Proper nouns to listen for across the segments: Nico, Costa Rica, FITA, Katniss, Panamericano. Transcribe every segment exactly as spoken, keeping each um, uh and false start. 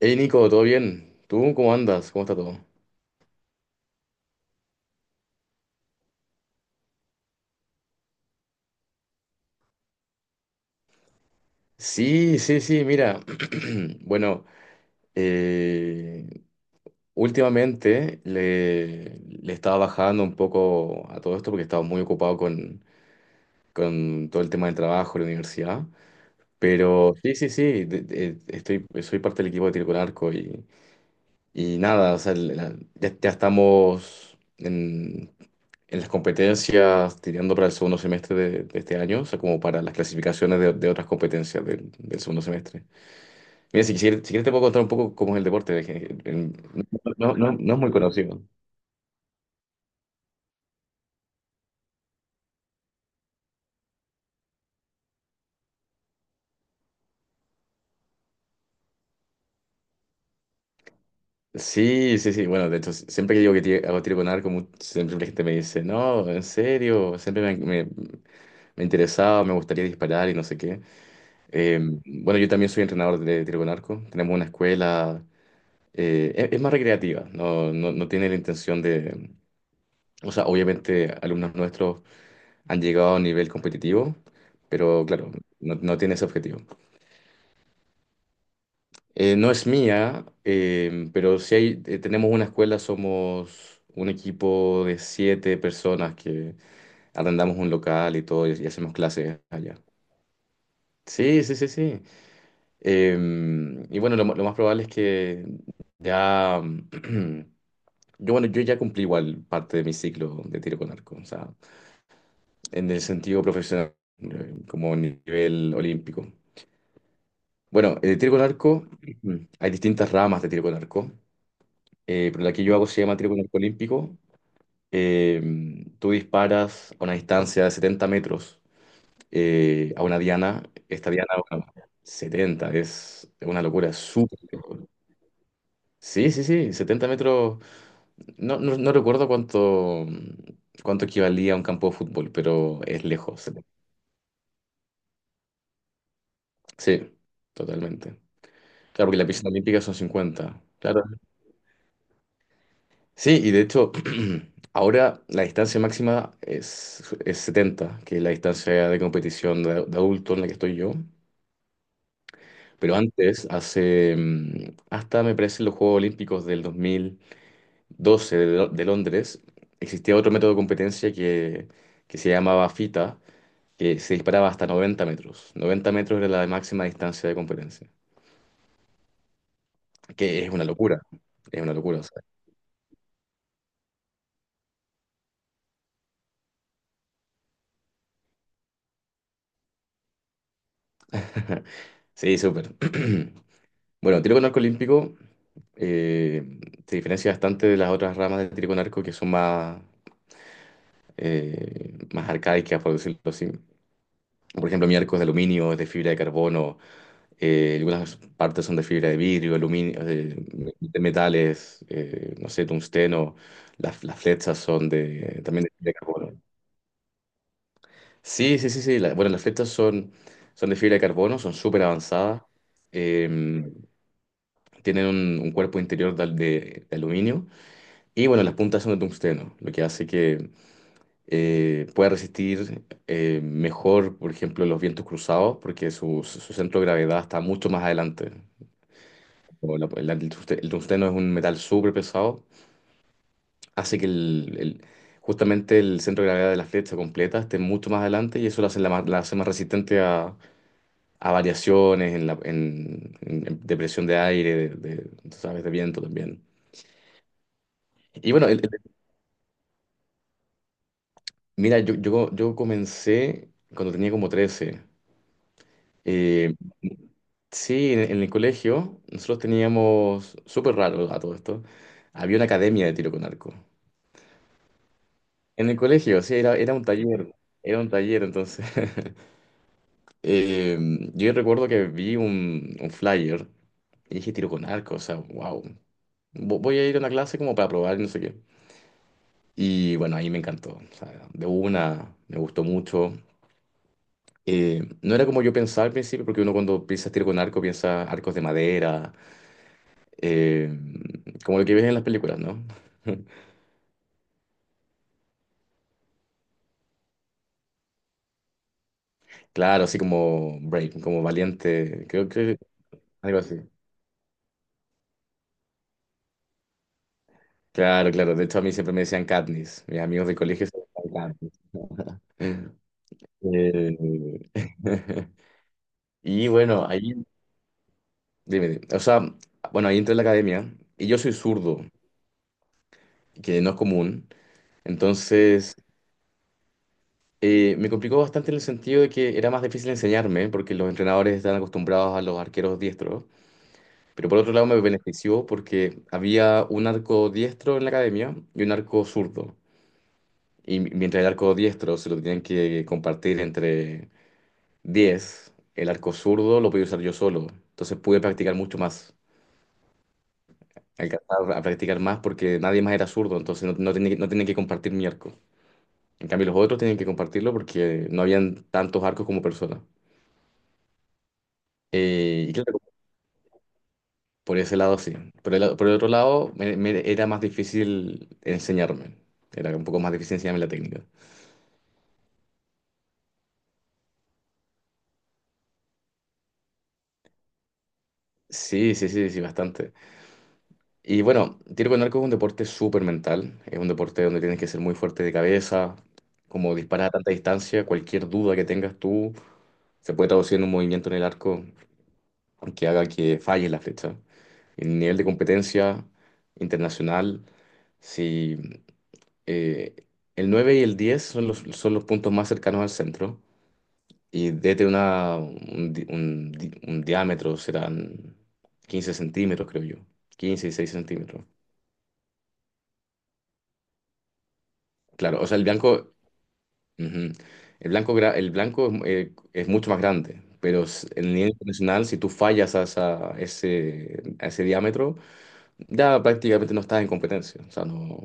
Hey Nico, ¿todo bien? ¿Tú cómo andas? ¿Cómo está todo? Sí, sí, sí, mira. Bueno, eh, últimamente le, le estaba bajando un poco a todo esto porque estaba muy ocupado con, con todo el tema del trabajo, la universidad. Pero sí, sí, sí, de- de- estoy, soy parte del equipo de tiro con arco y, y nada, o sea, el- la- ya, ya estamos en, en las competencias tirando para el segundo semestre de, de este año, o sea, como para las clasificaciones de, de otras competencias del, del segundo semestre. Mira, si quisieras, si quieres te puedo contar un poco cómo es el deporte. de que- en- no, no, no no es muy conocido. Sí, sí, sí. Bueno, de hecho, si, siempre que digo que ti- hago tiro con arco, mu- siempre la gente me dice, no, en serio, siempre me, me, me interesaba, me gustaría disparar y no sé qué. Eh, bueno, yo también soy entrenador de tiro con arco. Tenemos una escuela eh, es, es más recreativa, no, no, no tiene la intención de... O sea, obviamente alumnos nuestros han llegado a un nivel competitivo, pero claro, no, no tiene ese objetivo. Eh, no es mía, eh, pero si hay, eh, tenemos una escuela, somos un equipo de siete personas que arrendamos un local y todo y, y hacemos clases allá. Sí, sí, sí, sí. Em, y bueno, lo, lo más probable es que ya. Yo, bueno, yo ya cumplí igual parte de mi ciclo de tiro con arco, o sea, en el sentido profesional, eh, como nivel olímpico. Bueno, el tiro con arco, ujú, hay distintas ramas de tiro con arco, eh, pero la que yo hago se llama tiro con arco olímpico. Eh, tú disparas a una distancia de setenta metros, eh, a una diana. Esta diana, bueno, setenta, es una locura, es súper lejos. Sí, sí, sí, setenta metros. No, no, no recuerdo cuánto, cuánto equivalía a un campo de fútbol, pero es lejos. Sí, totalmente. Claro, porque la pista olímpica son cincuenta. Claro. Sí, y de hecho, ahora la distancia máxima es, es setenta, que es la distancia de competición de, de adulto en la que estoy yo. Pero antes, hace, mm, hasta me parece los Juegos Olímpicos del dos mil doce, de, Lo- de Londres, existía otro método de competencia que, que se llamaba FITA, que se disparaba hasta noventa metros. noventa metros era la máxima distancia de competencia, que es una locura, es una locura. o sea. Sí, súper. Bueno, tiro con arco olímpico eh, se diferencia bastante de las otras ramas de tiro con arco, que son más, eh, más arcaicas, por decirlo así. Por ejemplo, mi arco es de aluminio, es de fibra de carbono, eh, algunas partes son de fibra de vidrio, aluminio, eh, de metales, eh, no sé, tungsteno, las, las flechas son de, también de fibra de carbono. Sí, sí, sí, sí. la- bueno, las flechas son, son de fibra de carbono, son súper avanzadas. eh, tienen un, un cuerpo interior de, al- de- de aluminio. Y bueno, las puntas son de tungsteno, lo que hace que eh, pueda resistir eh, mejor, por ejemplo, los vientos cruzados, porque su, su- su centro de gravedad está mucho más adelante. O la- la- el, tungste- el tungsteno es un metal súper pesado, hace que el, el- justamente el centro de gravedad de la flecha completa esté mucho más adelante, y eso la hace, la más- la hace más resistente a variaciones en, la, en, en- en- de presión de aire, de, de, tú sabes, de viento también. Y bueno, el- el- mira, yo, yo, yo comencé cuando tenía como trece. Eh, sí, en, en el colegio nosotros teníamos, súper raro a todo esto, había una academia de tiro con arco. En el colegio, sí, era, era un taller, era un taller, entonces. Eh, yo recuerdo que vi un, un flyer y dije tiro con arco, o sea, wow, voy a ir a una clase como para probar y no sé qué. Y bueno, ahí me encantó. O sea, de una, me gustó mucho. Eh, no era como yo pensaba al principio, porque uno cuando piensa tiro con arco piensa arcos de madera, eh, como lo que ves en las películas, ¿no? Claro, así como Brave, como valiente, creo que algo así. Claro, claro. De hecho, a mí siempre me decían Katniss. Mis amigos del colegio se llamaban Katniss. Eh, y bueno, ahí, dime, dime. O sea, bueno, ahí entré a la academia y yo soy zurdo, que no es común. Entonces, eh, me complicó bastante en el sentido de que era más difícil enseñarme, porque los entrenadores están acostumbrados a los arqueros diestros. Pero por otro lado me benefició porque había un arco diestro en la academia y un arco zurdo. Y mi- mientras el arco diestro se lo tenían que compartir entre diez, el arco zurdo lo podía usar yo solo. Entonces pude practicar mucho más, alcanzar a practicar más porque nadie más era zurdo, entonces no, no tenía, que- no tenía que compartir mi arco. En cambio los otros tenían que compartirlo porque no habían tantos arcos como personas. Eh, y claro, por ese lado sí. Por el, por el otro lado, me- me era más difícil enseñarme. Era un poco más difícil enseñarme la técnica. Sí, sí, sí, sí, bastante. Y bueno, tiro con arco es un deporte súper mental. Es un deporte donde tienes que ser muy fuerte de cabeza, como disparar a tanta distancia. Cualquier duda que tengas tú se puede traducir en un movimiento en el arco que haga que falle la flecha. El nivel de competencia internacional, sí. Eh, el nueve y el diez son los, son los puntos más cercanos al centro, y desde una, un, di- un di- un diámetro serán quince centímetros, creo yo. Quince y seis centímetros. Claro, o sea, el blanco, ujú, el blanco, gra- el blanco es, eh, es mucho más grande, pero s- en nivel internacional, si tú fallas a, esa- ese, a ese diámetro, ya prácticamente no estás en competencia, o sea, no,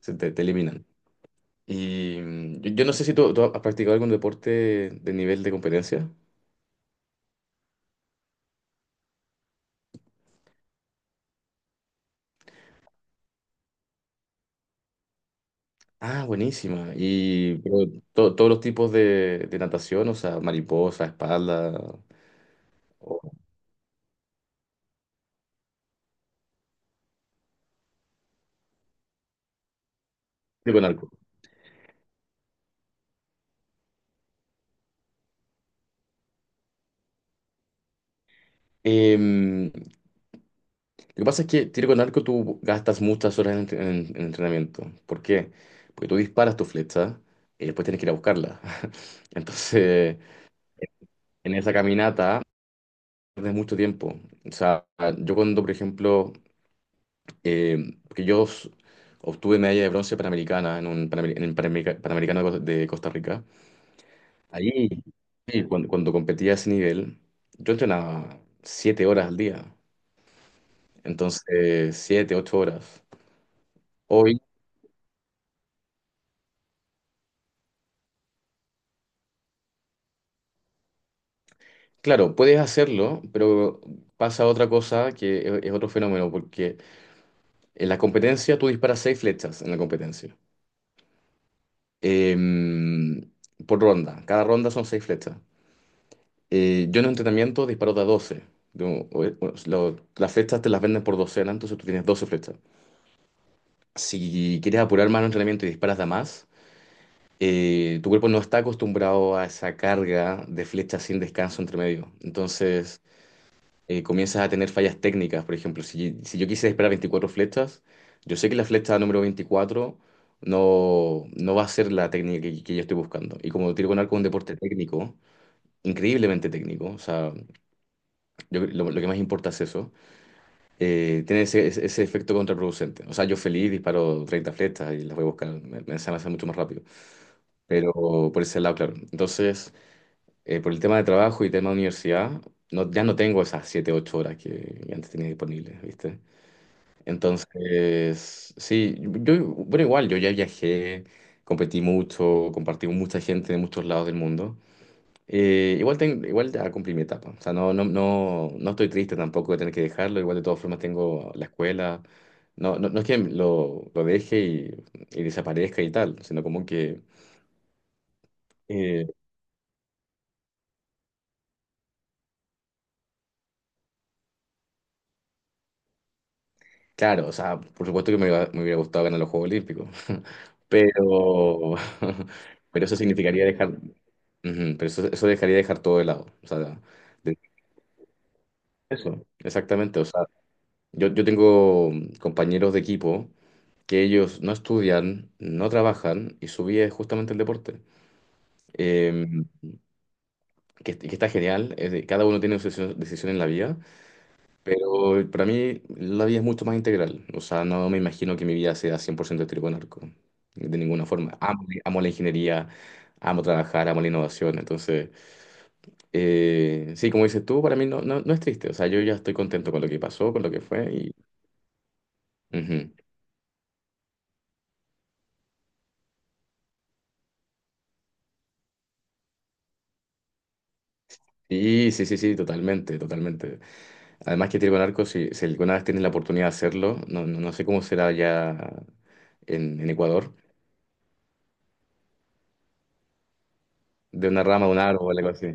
se te te eliminan. Y mm, yo, yo no sé si tú, tú has practicado algún deporte de nivel de competencia. Ah, buenísima. Y pero, to- todos los tipos de, de natación, o sea, mariposa, espalda, o tiro con arco. Em, lo que pasa es que tiro con arco tú gastas muchas horas en, en- en entrenamiento. ¿Por qué? Porque tú disparas tu flecha y después tienes que ir a buscarla. Entonces, en esa caminata pierdes mucho tiempo. O sea, yo cuando, por ejemplo, em, porque yo s- obtuve medalla de bronce panamericana en un panamer- en el Panamerica- Panamericano de Costa de Costa Rica. Ahí, sí, cuando, cuando competía a ese nivel, yo entrenaba siete horas al día, entonces siete, ocho horas. Hoy, claro, puedes hacerlo, pero pasa otra cosa que es, es otro fenómeno, porque en la competencia tú disparas seis flechas en la competencia, Em, por ronda. Cada ronda son seis flechas. Eh, yo en un entrenamiento disparo de a doce. Yo- o- o- lo- las flechas te las venden por docena, entonces tú tienes doce flechas. Si quieres apurar más el entrenamiento y disparas de a más, eh, tu cuerpo no está acostumbrado a esa carga de flechas sin descanso entre medio. Entonces, eh, comienzas a tener fallas técnicas. Por ejemplo, si, si yo quise esperar veinticuatro flechas, yo sé que la flecha número veinticuatro no, no va a ser la técnica que, que yo estoy buscando. Y como tiro con arco es un deporte técnico, increíblemente técnico, o sea, yo- lo, lo que más importa es eso, eh, tiene ese, ese- ese efecto contraproducente. O sea, yo feliz disparo treinta flechas y las voy a buscar, me, me se me hace mucho más rápido. Pero por ese lado, claro. Entonces... Eh, por el tema de trabajo y tema de universidad, no, ya no tengo esas siete ocho horas que antes tenía disponibles, ¿viste? Entonces, sí, yo, bueno, igual, yo ya viajé, competí mucho, compartí con mucha gente de muchos lados del mundo. Eh, igual, ten- igual ya cumplí mi etapa, o sea, no, no, no, no estoy triste tampoco de tener que dejarlo, igual de todas formas tengo la escuela, no, no, no es que lo, lo deje y, y desaparezca y tal, sino como que... eh, Claro, o sea, por supuesto que me, hubiera me hubiera gustado ganar los Juegos Olímpicos. Pero, pero eso significaría dejar, ujú, pero eso, eso dejaría dejar todo de lado, o sea, de- eso, exactamente, o sea, yo, yo tengo compañeros de equipo que ellos no estudian, no trabajan y su vida es justamente el deporte, eh, que, que está genial, es de- cada uno tiene su decisión, decisión en la vida, pero para mí la vida es mucho más integral. O sea, no me imagino que mi vida sea cien por ciento trigo en arco. De ninguna forma. Amo, amo la ingeniería, amo trabajar, amo la innovación. Entonces, eh, sí, como dices tú, para mí no, no, no es triste. O sea, yo ya estoy contento con lo que pasó, con lo que fue. Y, ujú. Y sí, sí, sí, totalmente, totalmente. Además que trigo en arco, si, si alguna vez tienes la oportunidad de hacerlo, no, no, no sé cómo será ya en, en Ecuador, de una rama, de un árbol, algo así.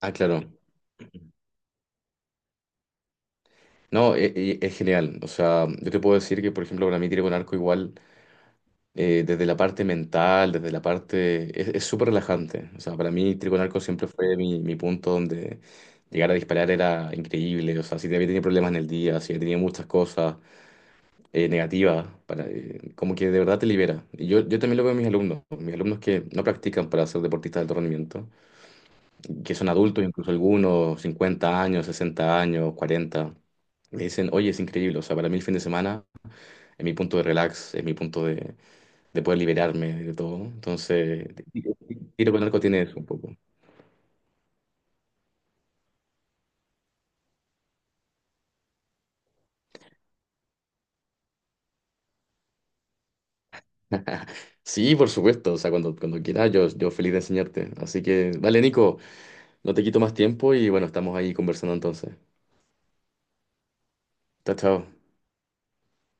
Ah, claro. No, e- e- es, genial. O sea, yo te puedo decir que, por ejemplo, para mí tiro con arco igual, eh, desde la parte mental, desde la parte... Es es súper relajante. O sea, para mí tiro con arco siempre fue mi, mi punto donde llegar a disparar era increíble. O sea, si había tenido problemas en el día, si había tenido muchas cosas eh, negativas, para, eh, como que de verdad te libera. Y yo, yo también lo veo en mis alumnos. Mis alumnos que no practican para ser deportistas de alto rendimiento, que son adultos, incluso algunos, cincuenta años, sesenta años, cuarenta, me dicen, oye, es increíble, o sea, para mí el fin de semana es mi punto de relax, es mi punto de, de poder liberarme de todo. Entonces, tiro con arco tiene eso un poco. Sí, por supuesto, o sea, cuando, cuando quieras, yo, yo feliz de enseñarte. Así que, vale, Nico, no te quito más tiempo y bueno, estamos ahí conversando entonces. Chao, chao.